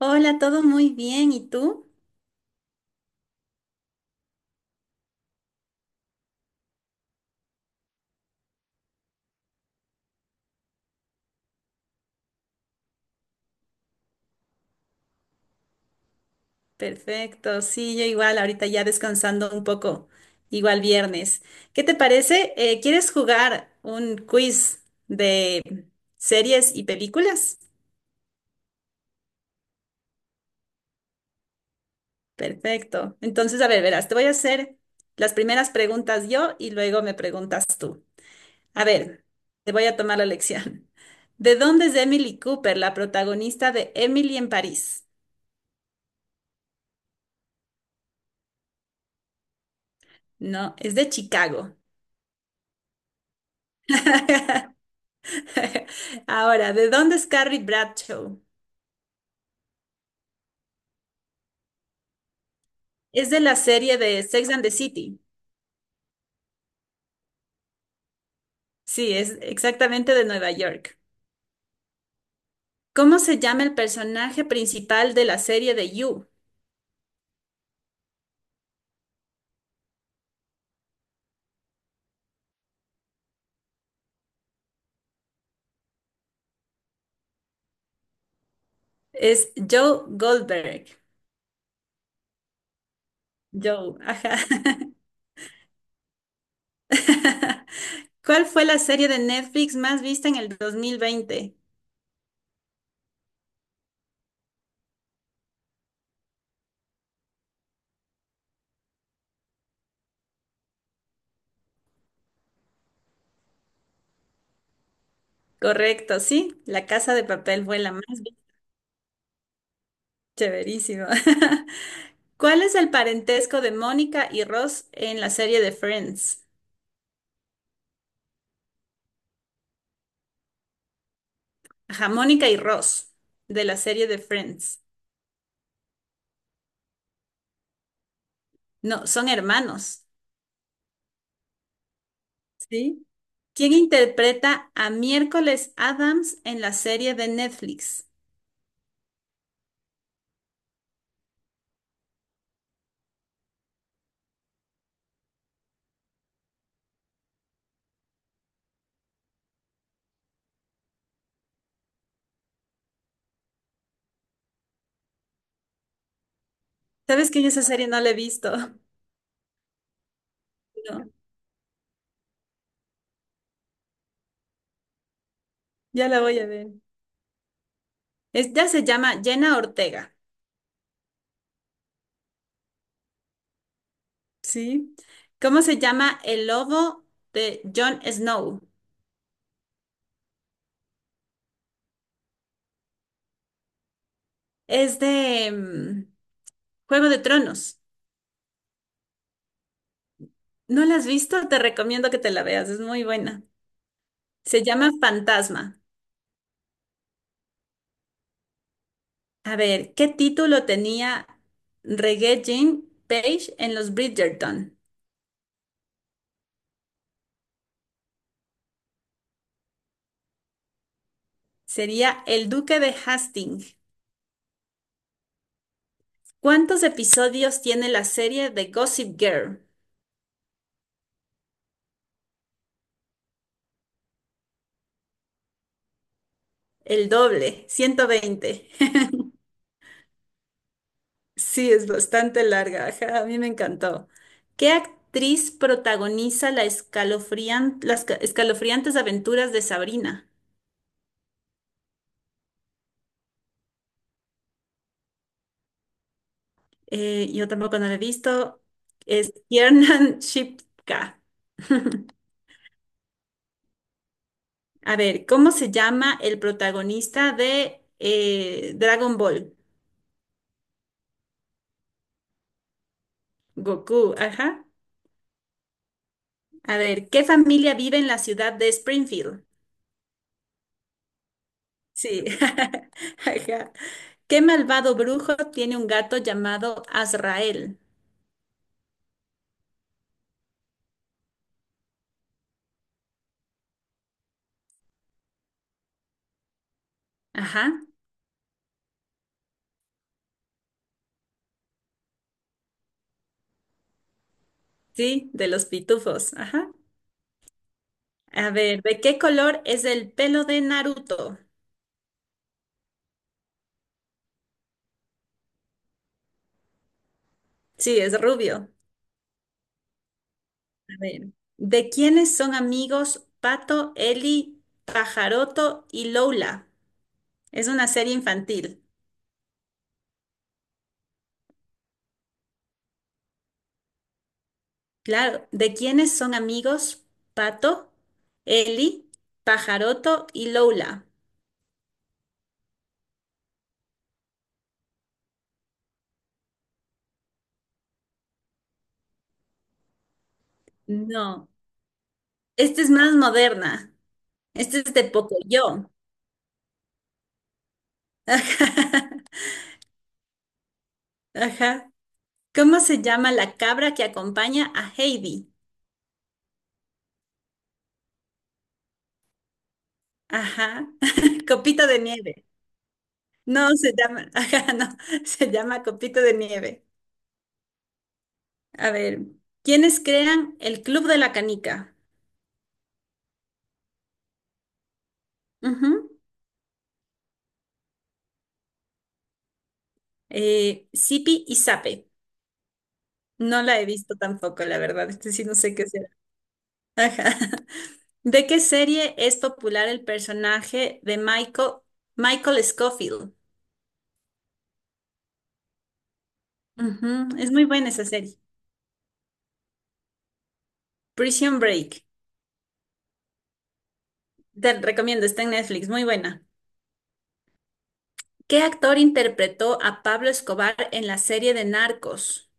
Hola, todo muy bien. ¿Y tú? Perfecto. Sí, yo igual, ahorita ya descansando un poco, igual viernes. ¿Qué te parece? ¿Quieres jugar un quiz de series y películas? Perfecto. Entonces, a ver, verás, te voy a hacer las primeras preguntas yo y luego me preguntas tú. A ver, te voy a tomar la lección. ¿De dónde es Emily Cooper, la protagonista de Emily en París? No, es de Chicago. Ahora, ¿de dónde es Carrie Bradshaw? Es de la serie de Sex and the City. Sí, es exactamente de Nueva York. ¿Cómo se llama el personaje principal de la serie de You? Es Joe Goldberg. Joe, ajá. ¿Cuál fue la serie de Netflix más vista en el 2020? Correcto, sí. La Casa de Papel fue la más vista. Chéverísimo. ¿Cuál es el parentesco de Mónica y Ross en la serie de Friends? Ajá, Mónica y Ross, de la serie de Friends. No, son hermanos, ¿sí? ¿Quién interpreta a Miércoles Adams en la serie de Netflix? ¿Sabes que yo esa serie no la he visto? No, ya la voy a ver. Esta se llama Jenna Ortega, ¿sí? ¿Cómo se llama el lobo de Jon Snow? Es de Juego de Tronos. ¿No la has visto? Te recomiendo que te la veas, es muy buena. Se llama Fantasma. A ver, ¿qué título tenía Reggae Jean Page en Los Bridgerton? Sería El Duque de Hastings. ¿Cuántos episodios tiene la serie de Gossip Girl? El doble, 120. Sí, es bastante larga. Ajá, a mí me encantó. ¿Qué actriz protagoniza las escalofriantes aventuras de Sabrina? Yo tampoco no la he visto. Es Kiernan Shipka. A ver, ¿cómo se llama el protagonista de Dragon Ball? Goku, ajá. A ver, ¿qué familia vive en la ciudad de Springfield? Sí, ajá. ¿Qué malvado brujo tiene un gato llamado Azrael? Ajá, sí, de los pitufos, ajá. A ver, ¿de qué color es el pelo de Naruto? Sí, es rubio. A ver, ¿de quiénes son amigos Pato, Eli, Pajaroto y Lola? Es una serie infantil. Claro. ¿De quiénes son amigos? Pato, Eli, Pajaroto y Lola. No. Esta es más moderna. Esta es de Pocoyo. Ajá. Ajá. ¿Cómo se llama la cabra que acompaña a Heidi? Ajá. Copito de nieve. No, se llama. Ajá, no. Se llama Copito de nieve. A ver. ¿Quiénes crean el Club de la Canica? Ujú. Sipi y Sape. No la he visto tampoco, la verdad. Este sí no sé qué será. Ajá. ¿De qué serie es popular el personaje de Michael, Michael Scofield? Ujú, es muy buena esa serie. Prison Break. Te recomiendo, está en Netflix, muy buena. ¿Qué actor interpretó a Pablo Escobar en la serie de Narcos?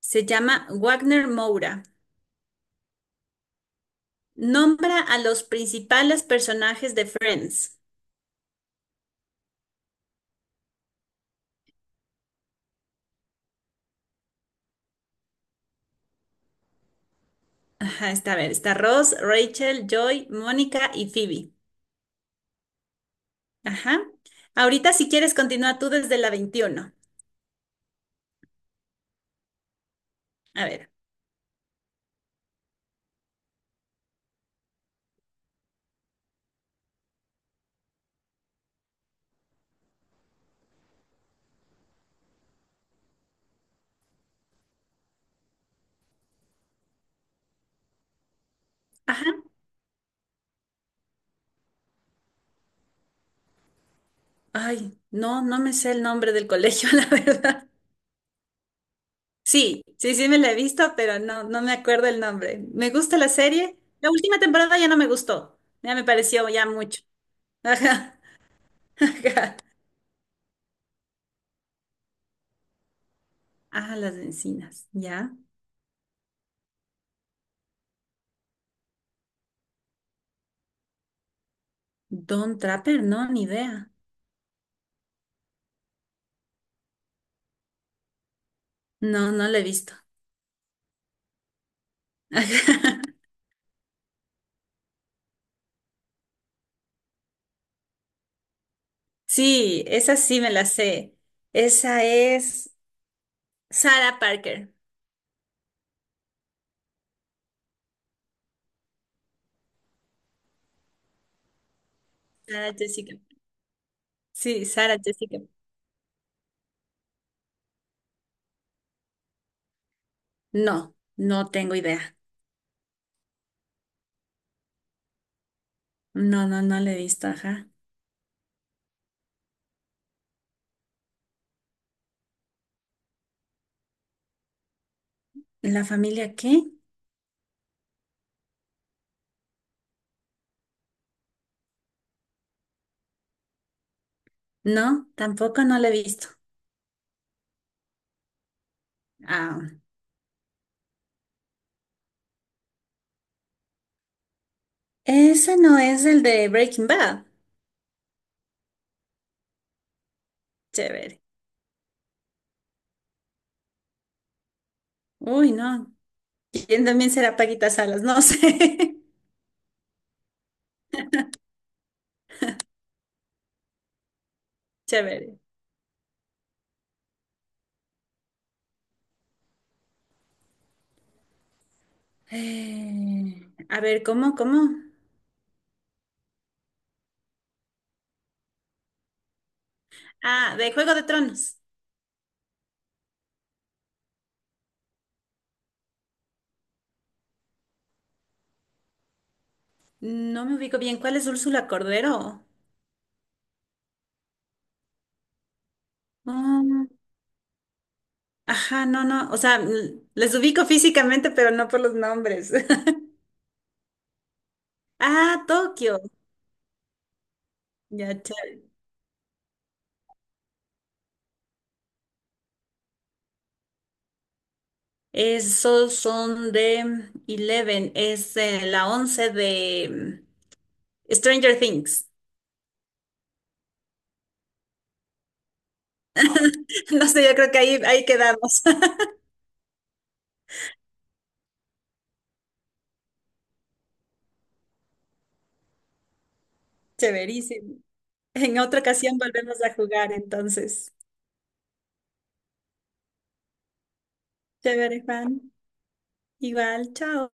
Se llama Wagner Moura. Nombra a los principales personajes de Friends. Ajá, está a ver, está Ross, Rachel, Joy, Mónica y Phoebe. Ajá. Ahorita si quieres continúa tú desde la 21. A ver. Ajá. Ay, no, no me sé el nombre del colegio, la verdad. Sí, sí, sí me la he visto, pero no, no me acuerdo el nombre. Me gusta la serie. La última temporada ya no me gustó. Ya me pareció ya mucho. Ajá. Ajá. Ah, las encinas. Ya. Don Trapper, no, ni idea. No, no la he visto. Ajá. Sí, esa sí me la sé. Esa es Sarah Parker. Sarah Jessica. Sí, Sara Jessica. No, no tengo idea. No, no, no la he visto, ajá. ¿La familia qué? No, tampoco no la he visto. Ah, ese no es el de Breaking Bad. Chévere. Uy, no. ¿Quién también será Paquita Salas? No sé. Chévere. A ver, ¿cómo, cómo? Ah, de Juego de Tronos. No me ubico bien. ¿Cuál es Úrsula Cordero? Mm, ajá, no, no. O sea, l- les ubico físicamente, pero no por los nombres. Ah, Tokio. Ya, chévere. Esos son de Eleven, es la 11 de Stranger Things. No sé, yo creo que ahí quedamos. Chéverísimo. En otra ocasión volvemos a jugar, entonces. Chévere, Juan. Igual, chao.